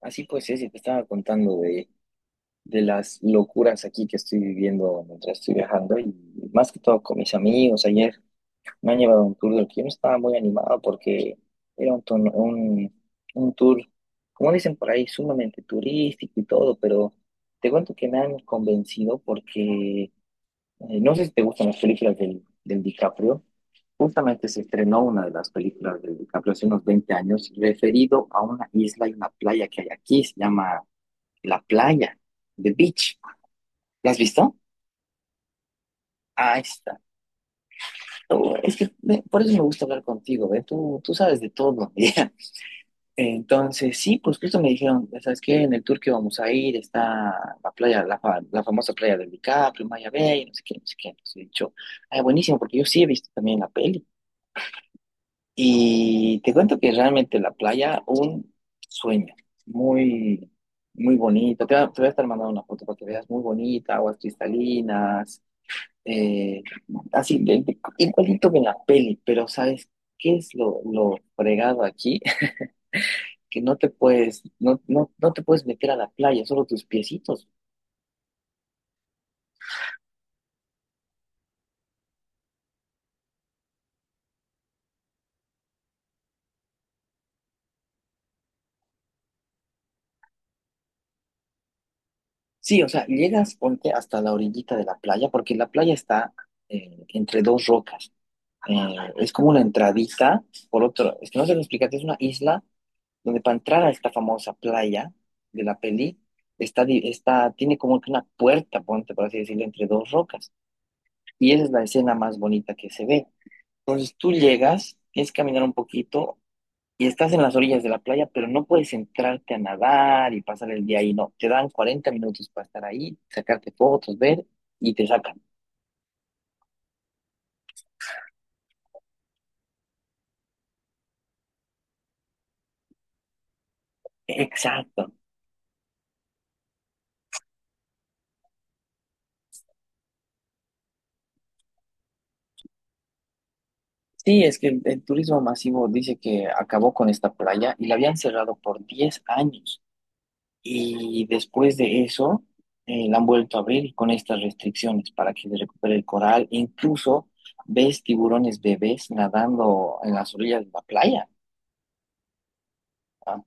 Así pues, es, y te estaba contando de las locuras aquí que estoy viviendo mientras estoy viajando y más que todo con mis amigos. Ayer me han llevado a un tour del que yo no estaba muy animado porque era un tour, como dicen por ahí, sumamente turístico y todo, pero te cuento que me han convencido porque no sé si te gustan las películas del DiCaprio. Justamente se estrenó una de las películas del DiCaprio hace unos 20 años referido a una isla y una playa que hay aquí, se llama la playa, the beach. ¿La has visto? Ahí está. Oh, por eso me gusta hablar contigo, ¿ve? Tú sabes de todo. Ya. Entonces, sí, pues justo me dijeron, ¿sabes qué? En el tour que vamos a ir está la playa, la famosa playa del DiCaprio, Maya Bay, no sé qué, no sé qué. Entonces he dicho, ay, buenísimo, porque yo sí he visto también la peli. Y te cuento que realmente la playa, un sueño, muy, muy bonito. Te voy a estar mandando una foto para que veas, muy bonita, aguas cristalinas. Eh, Así, igualito que en la peli, pero ¿sabes qué es lo fregado aquí? Que no te puedes, no, no, no te puedes meter a la playa, solo tus piecitos. Sí, o sea, llegas, ponte hasta la orillita de la playa, porque la playa está, entre dos rocas. Eh, es como una entradita, por otro, es que no sé cómo explicarte, es una isla donde para entrar a esta famosa playa de la peli, está, tiene como que una puerta, ponte, por así decirlo, entre dos rocas. Y esa es la escena más bonita que se ve. Entonces tú llegas, tienes que caminar un poquito y estás en las orillas de la playa, pero no puedes entrarte a nadar y pasar el día ahí, no. Te dan 40 minutos para estar ahí, sacarte fotos, ver y te sacan. Exacto. Sí, es que el turismo masivo dice que acabó con esta playa y la habían cerrado por 10 años. Y después de eso, la han vuelto a abrir con estas restricciones para que se recupere el coral. Incluso ves tiburones bebés nadando en las orillas de la playa. ¿Ah?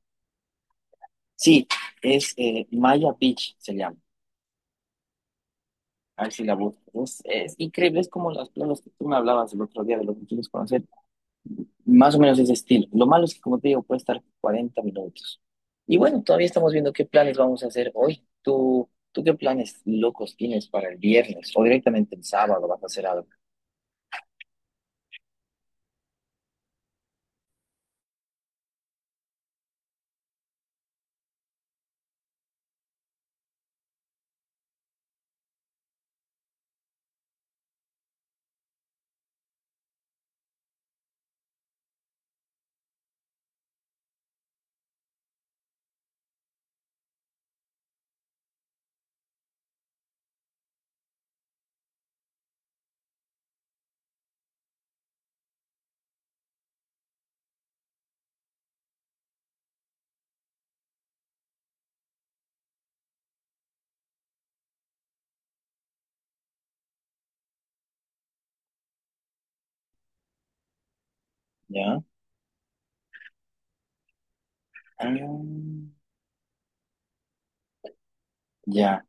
Sí, es, Maya Beach, se llama. A ver si la buscas. Es increíble, es como las playas que tú me hablabas el otro día de lo que quieres conocer. Más o menos ese estilo. Lo malo es que, como te digo, puede estar 40 minutos. Y bueno, todavía estamos viendo qué planes vamos a hacer hoy. ¿Tú qué planes locos tienes para el viernes o directamente el sábado vas a hacer algo? ¿Ya? Ah, ya.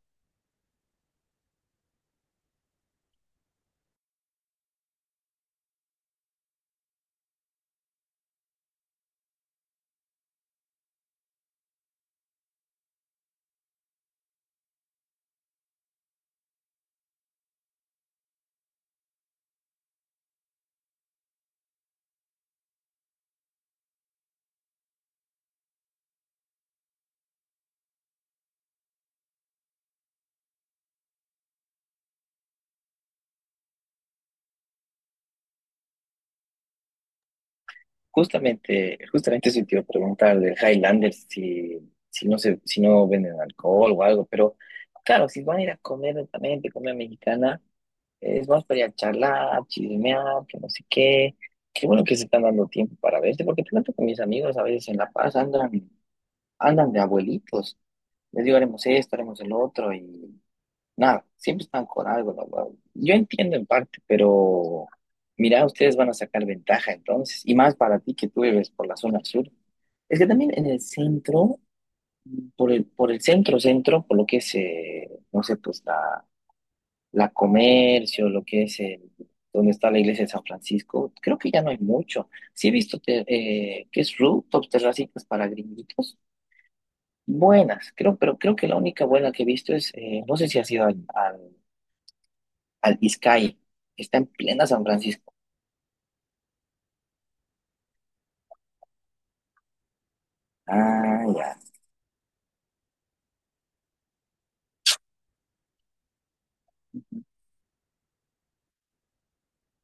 Justamente, justamente eso te iba a preguntar del Highlanders, si, si no se, si no venden alcohol o algo, pero claro, si van a ir a comer lentamente, comida mexicana. Es más para ir a charlar, chismear, que no sé qué. Qué bueno que se están dando tiempo para verse, porque te cuento que mis amigos a veces en La Paz andan, andan de abuelitos. Les digo, haremos esto, haremos el otro, y nada, siempre están con algo, la verdad. Yo entiendo en parte, pero mira, ustedes van a sacar ventaja entonces, y más para ti que tú vives por la zona sur. Es que también en el centro, por el centro, centro, por lo que es, no sé, pues la Comercio, lo que es el, donde está la iglesia de San Francisco, creo que ya no hay mucho. Sí he visto te-, que es rooftops, terracitas para gringuitos, buenas, creo, pero creo que la única buena que he visto es, no sé si ha sido al Izcaí, que está en plena San Francisco. Ah, ya,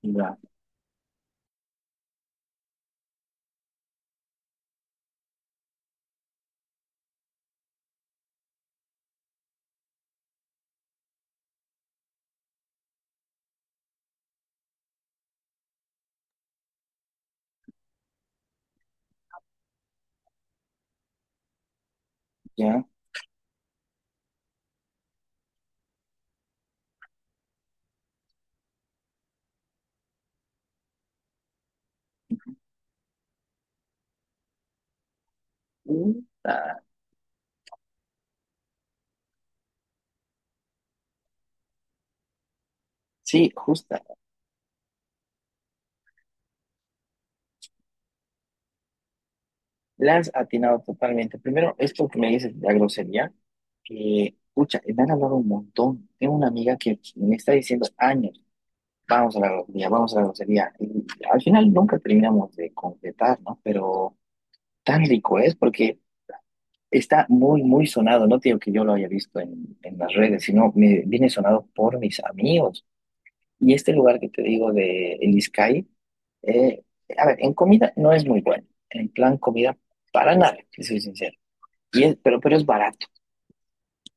ya, ya. Justa. Sí, justa. La has atinado totalmente. Primero, esto que me dices de la grosería, que, pucha, me han hablado un montón. Tengo una amiga que me está diciendo años. Vamos a la grosería, vamos a la grosería. Y al final nunca terminamos de completar, ¿no? Pero tan rico es porque está muy, muy sonado. No te digo que yo lo haya visto en las redes, sino me viene sonado por mis amigos. Y este lugar que te digo de El Izcaí, eh, a ver, en comida no es muy bueno. En plan comida, para nada, que soy sincero. Y es- pero es barato.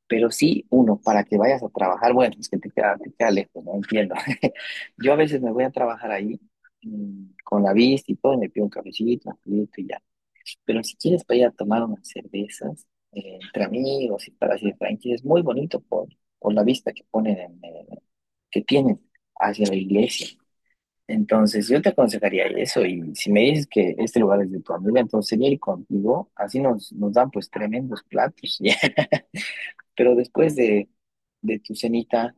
Pero sí, uno, para que vayas a trabajar, bueno, es que te queda lejos, no entiendo. Yo a veces me voy a trabajar ahí, mm, con la vista y todo, y me pido un cafecito, un juguito y ya. Pero si quieres para ir a tomar unas cervezas, entre amigos y para así tranquilos, es muy bonito por la vista que ponen, en, que tienen hacia la iglesia. Entonces, yo te aconsejaría eso, y si me dices que este lugar es de tu amiga, entonces sería ir contigo, así nos dan pues tremendos platos. Pero después de tu cenita,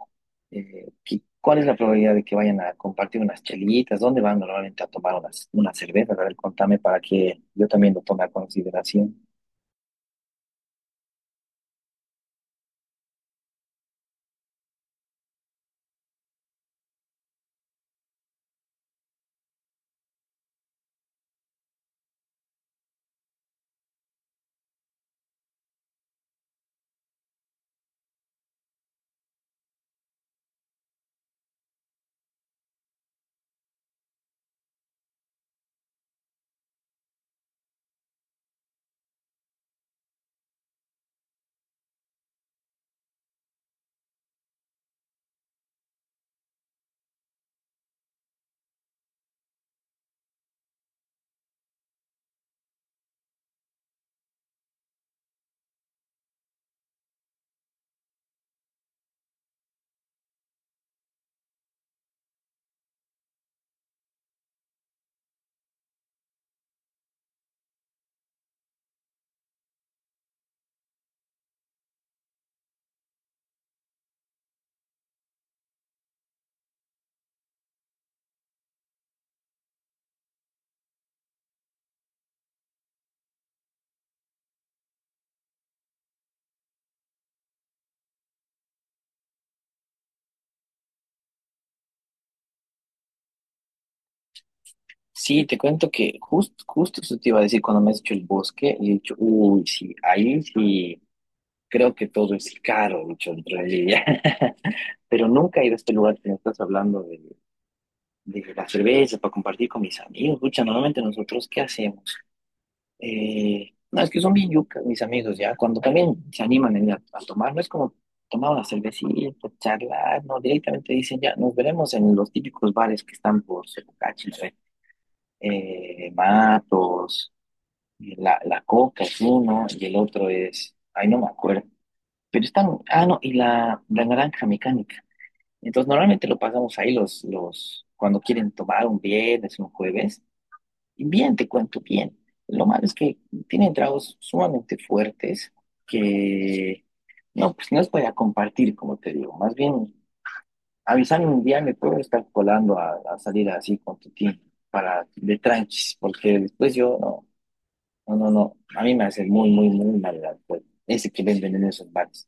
¿qué- ¿cuál es la probabilidad de que vayan a compartir unas chelitas? ¿Dónde van normalmente a tomar unas cervezas? A ver, contame para que yo también lo tome a consideración. Sí, te cuento que justo, justo eso te iba a decir cuando me has dicho el bosque, y he dicho, uy, sí, ahí sí, creo que todo es caro, he dicho en realidad. Pero nunca he ido a este lugar que me estás hablando de la cerveza para compartir con mis amigos. Pucha, normalmente nosotros, ¿qué hacemos? No, es que son bien yucas mis amigos, ya. Cuando también se animan en- a tomar, no es como tomar una cervecita, charlar, no, directamente dicen ya, nos veremos en los típicos bares que están por Sepucachi, Matos, y la Coca es uno y el otro es, ay, no me acuerdo, pero están, ah, no, y la naranja mecánica. Entonces, normalmente lo pasamos ahí cuando quieren tomar un viernes, un jueves. Y bien, te cuento bien. Lo malo es que tienen tragos sumamente fuertes que no, pues no los podía compartir, como te digo. Más bien, avisarme un día me puedo estar colando a salir así con tu team para de tranquis, porque después yo no, no, no, no. A mí me hace muy, muy, muy mal el alcohol, ese que venden en esos bares.